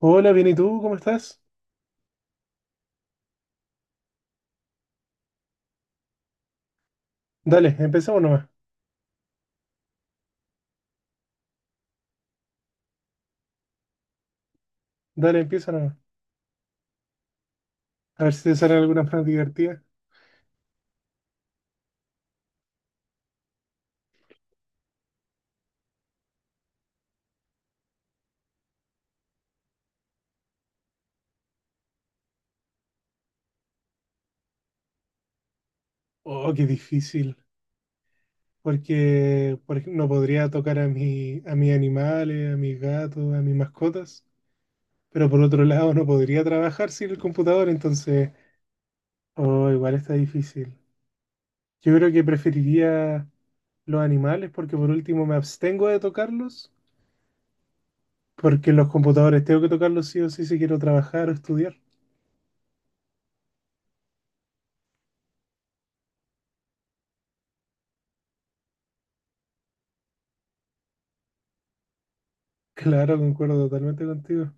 Hola, bien, ¿y tú? ¿Cómo estás? Dale, empezamos, nomás. Dale, empieza nomás. A ver si te salen algunas más divertidas. Oh, qué difícil. Porque, por ejemplo, no podría tocar a mis animales, a mis gatos, a mis mascotas. Pero por otro lado, no podría trabajar sin el computador, entonces, oh, igual está difícil. Yo creo que preferiría los animales porque por último me abstengo de tocarlos. Porque los computadores tengo que tocarlos sí o sí si quiero trabajar o estudiar. Claro, concuerdo totalmente contigo.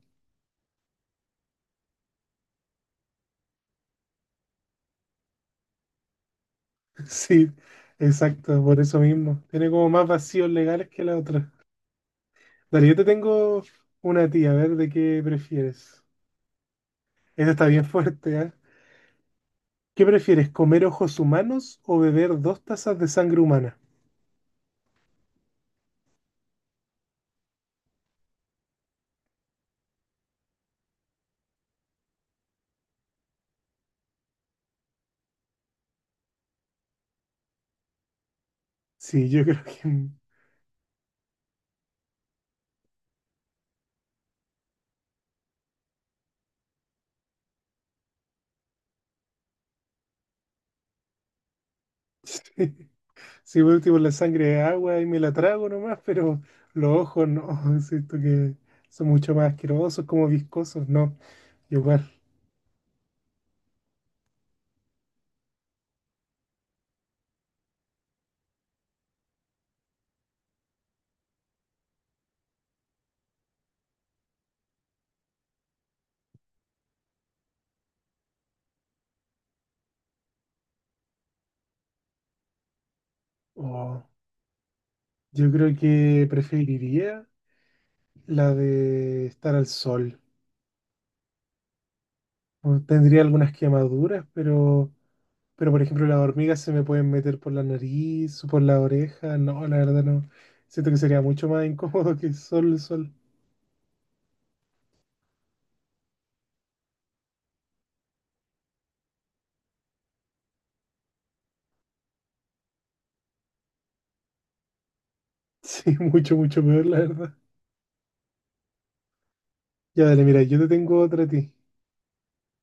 Sí, exacto, por eso mismo. Tiene como más vacíos legales que la otra. Dale, yo te tengo una tía, a ver de qué prefieres. Esta está bien fuerte, ¿ah? ¿Qué prefieres, comer ojos humanos o beber dos tazas de sangre humana? Sí, yo creo que… Sí, sí, por último la sangre es agua y me la trago nomás, pero los ojos no, siento que son mucho más asquerosos, como viscosos, no, igual. Oh, yo creo que preferiría la de estar al sol. O Tendría algunas quemaduras, pero por ejemplo las hormigas se me pueden meter por la nariz o por la oreja. No, la verdad no. Siento que sería mucho más incómodo que solo el sol. Sí, mucho, mucho peor, la verdad. Ya, dale, mira, yo te tengo otra a ti.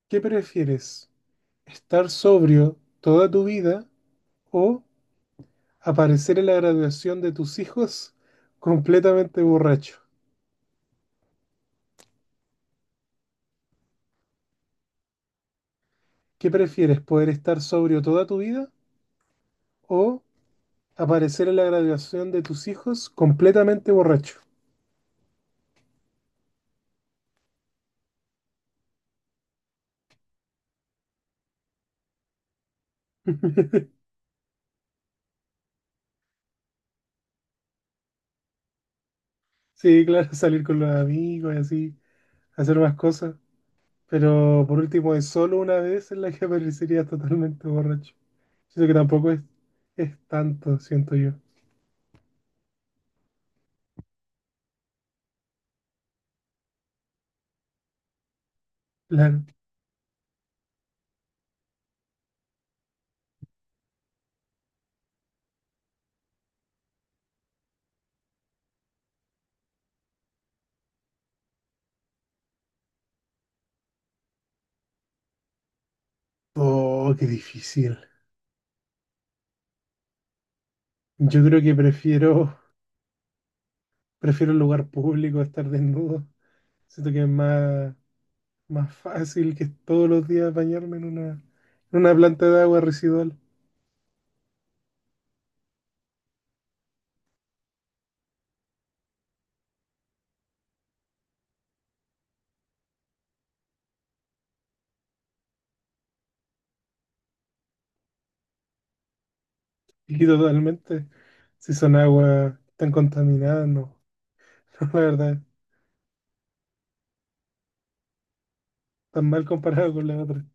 ¿Qué prefieres? ¿Estar sobrio toda tu vida o aparecer en la graduación de tus hijos completamente borracho? ¿Qué prefieres? ¿Poder estar sobrio toda tu vida o aparecer en la graduación de tus hijos completamente borracho? Sí, claro, salir con los amigos y así, hacer más cosas. Pero por último, es solo una vez en la que aparecerías totalmente borracho. Siento que tampoco es tanto, siento yo. Claro. Oh, qué difícil. Yo creo que prefiero, prefiero el lugar público, estar desnudo. Siento que es más, más fácil que todos los días bañarme en una planta de agua residual. Y totalmente. Si son aguas tan contaminadas, no. No, la verdad, tan mal comparado con la otra.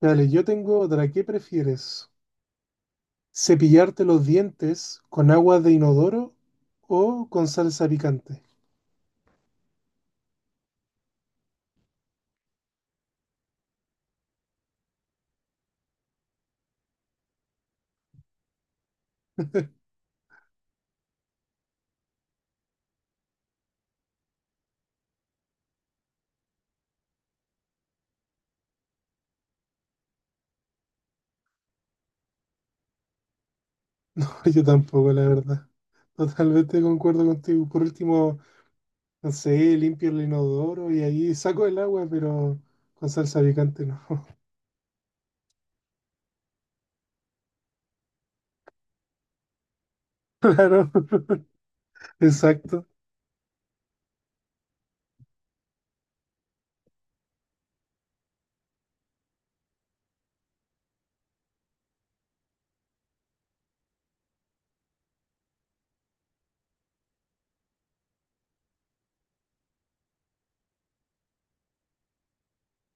Dale, yo tengo otra. ¿Qué prefieres? ¿Cepillarte los dientes con agua de inodoro o con salsa picante? Yo tampoco, la verdad. Totalmente concuerdo contigo. Por último, no sé, limpio el inodoro y ahí saco el agua, pero con salsa picante no. Claro, exacto.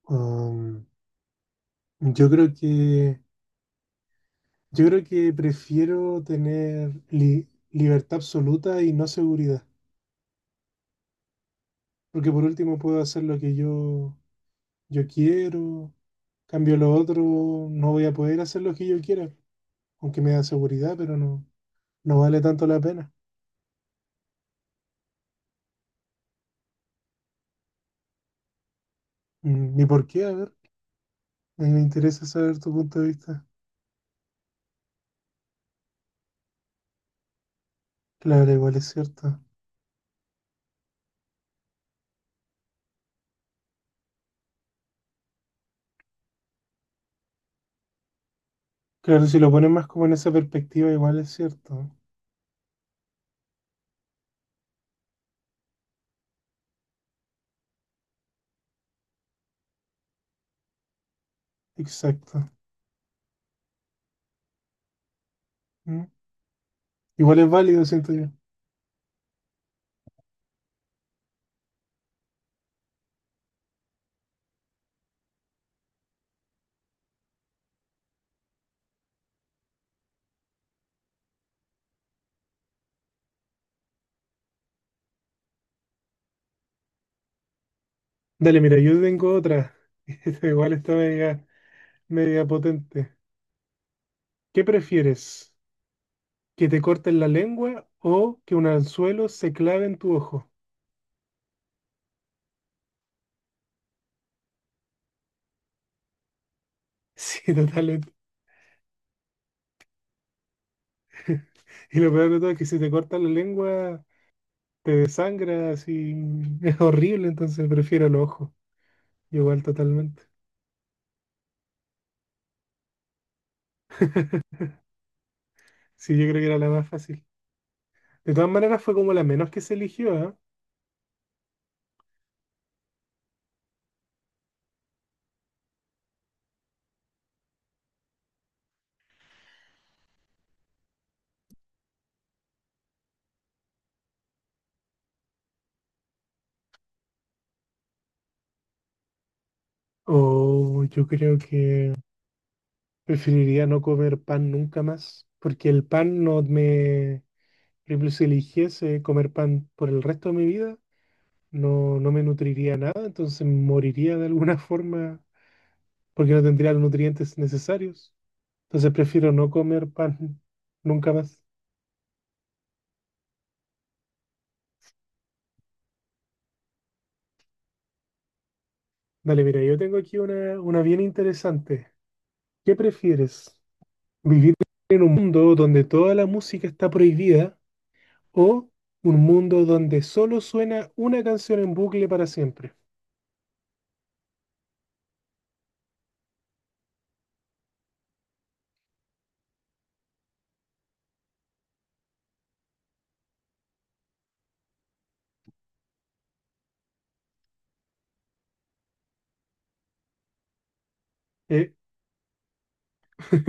Um, yo creo que yo creo que prefiero tener libertad absoluta y no seguridad, porque por último puedo hacer lo que yo quiero, cambio lo otro, no voy a poder hacer lo que yo quiera, aunque me da seguridad, pero no, no vale tanto la pena. Mm, ni por qué, a ver, a mí me interesa saber tu punto de vista. Claro, igual es cierto. Claro, si lo pones más como en esa perspectiva, igual es cierto. Exacto. Mm. Igual es válido, siento yo. Dale, mira, yo tengo otra. Igual está media media potente. ¿Qué prefieres? ¿Que te corten la lengua o que un anzuelo se clave en tu ojo? Sí, totalmente. Y lo peor de todo es que si te cortan la lengua, te desangras y es horrible, entonces prefiero los ojos. Igual, totalmente. Sí, yo creo que era la más fácil. De todas maneras, fue como la menos que se eligió, ¿ah? O yo creo que preferiría no comer pan nunca más, porque el pan no me… Por ejemplo, si eligiese comer pan por el resto de mi vida, no, no me nutriría nada, entonces moriría de alguna forma porque no tendría los nutrientes necesarios. Entonces prefiero no comer pan nunca más. Dale, mira, yo tengo aquí una bien interesante. ¿Qué prefieres? ¿Vivir en un mundo donde toda la música está prohibida o un mundo donde solo suena una canción en bucle para siempre? Eh,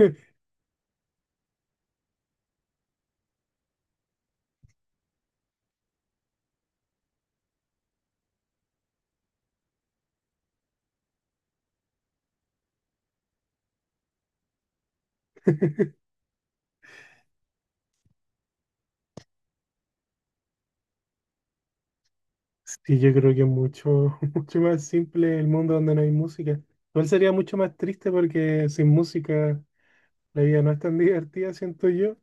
sí, yo creo que es mucho, mucho más simple el mundo donde no hay música. Igual sería mucho más triste porque sin música la vida no es tan divertida, siento yo.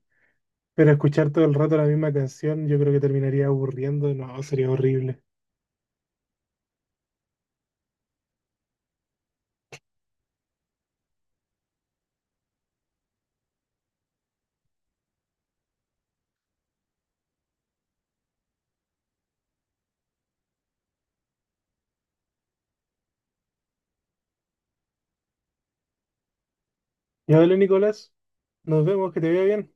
Pero escuchar todo el rato la misma canción, yo creo que terminaría aburriendo. No, sería horrible. Ya dale, Nicolás. Nos vemos, que te vea bien.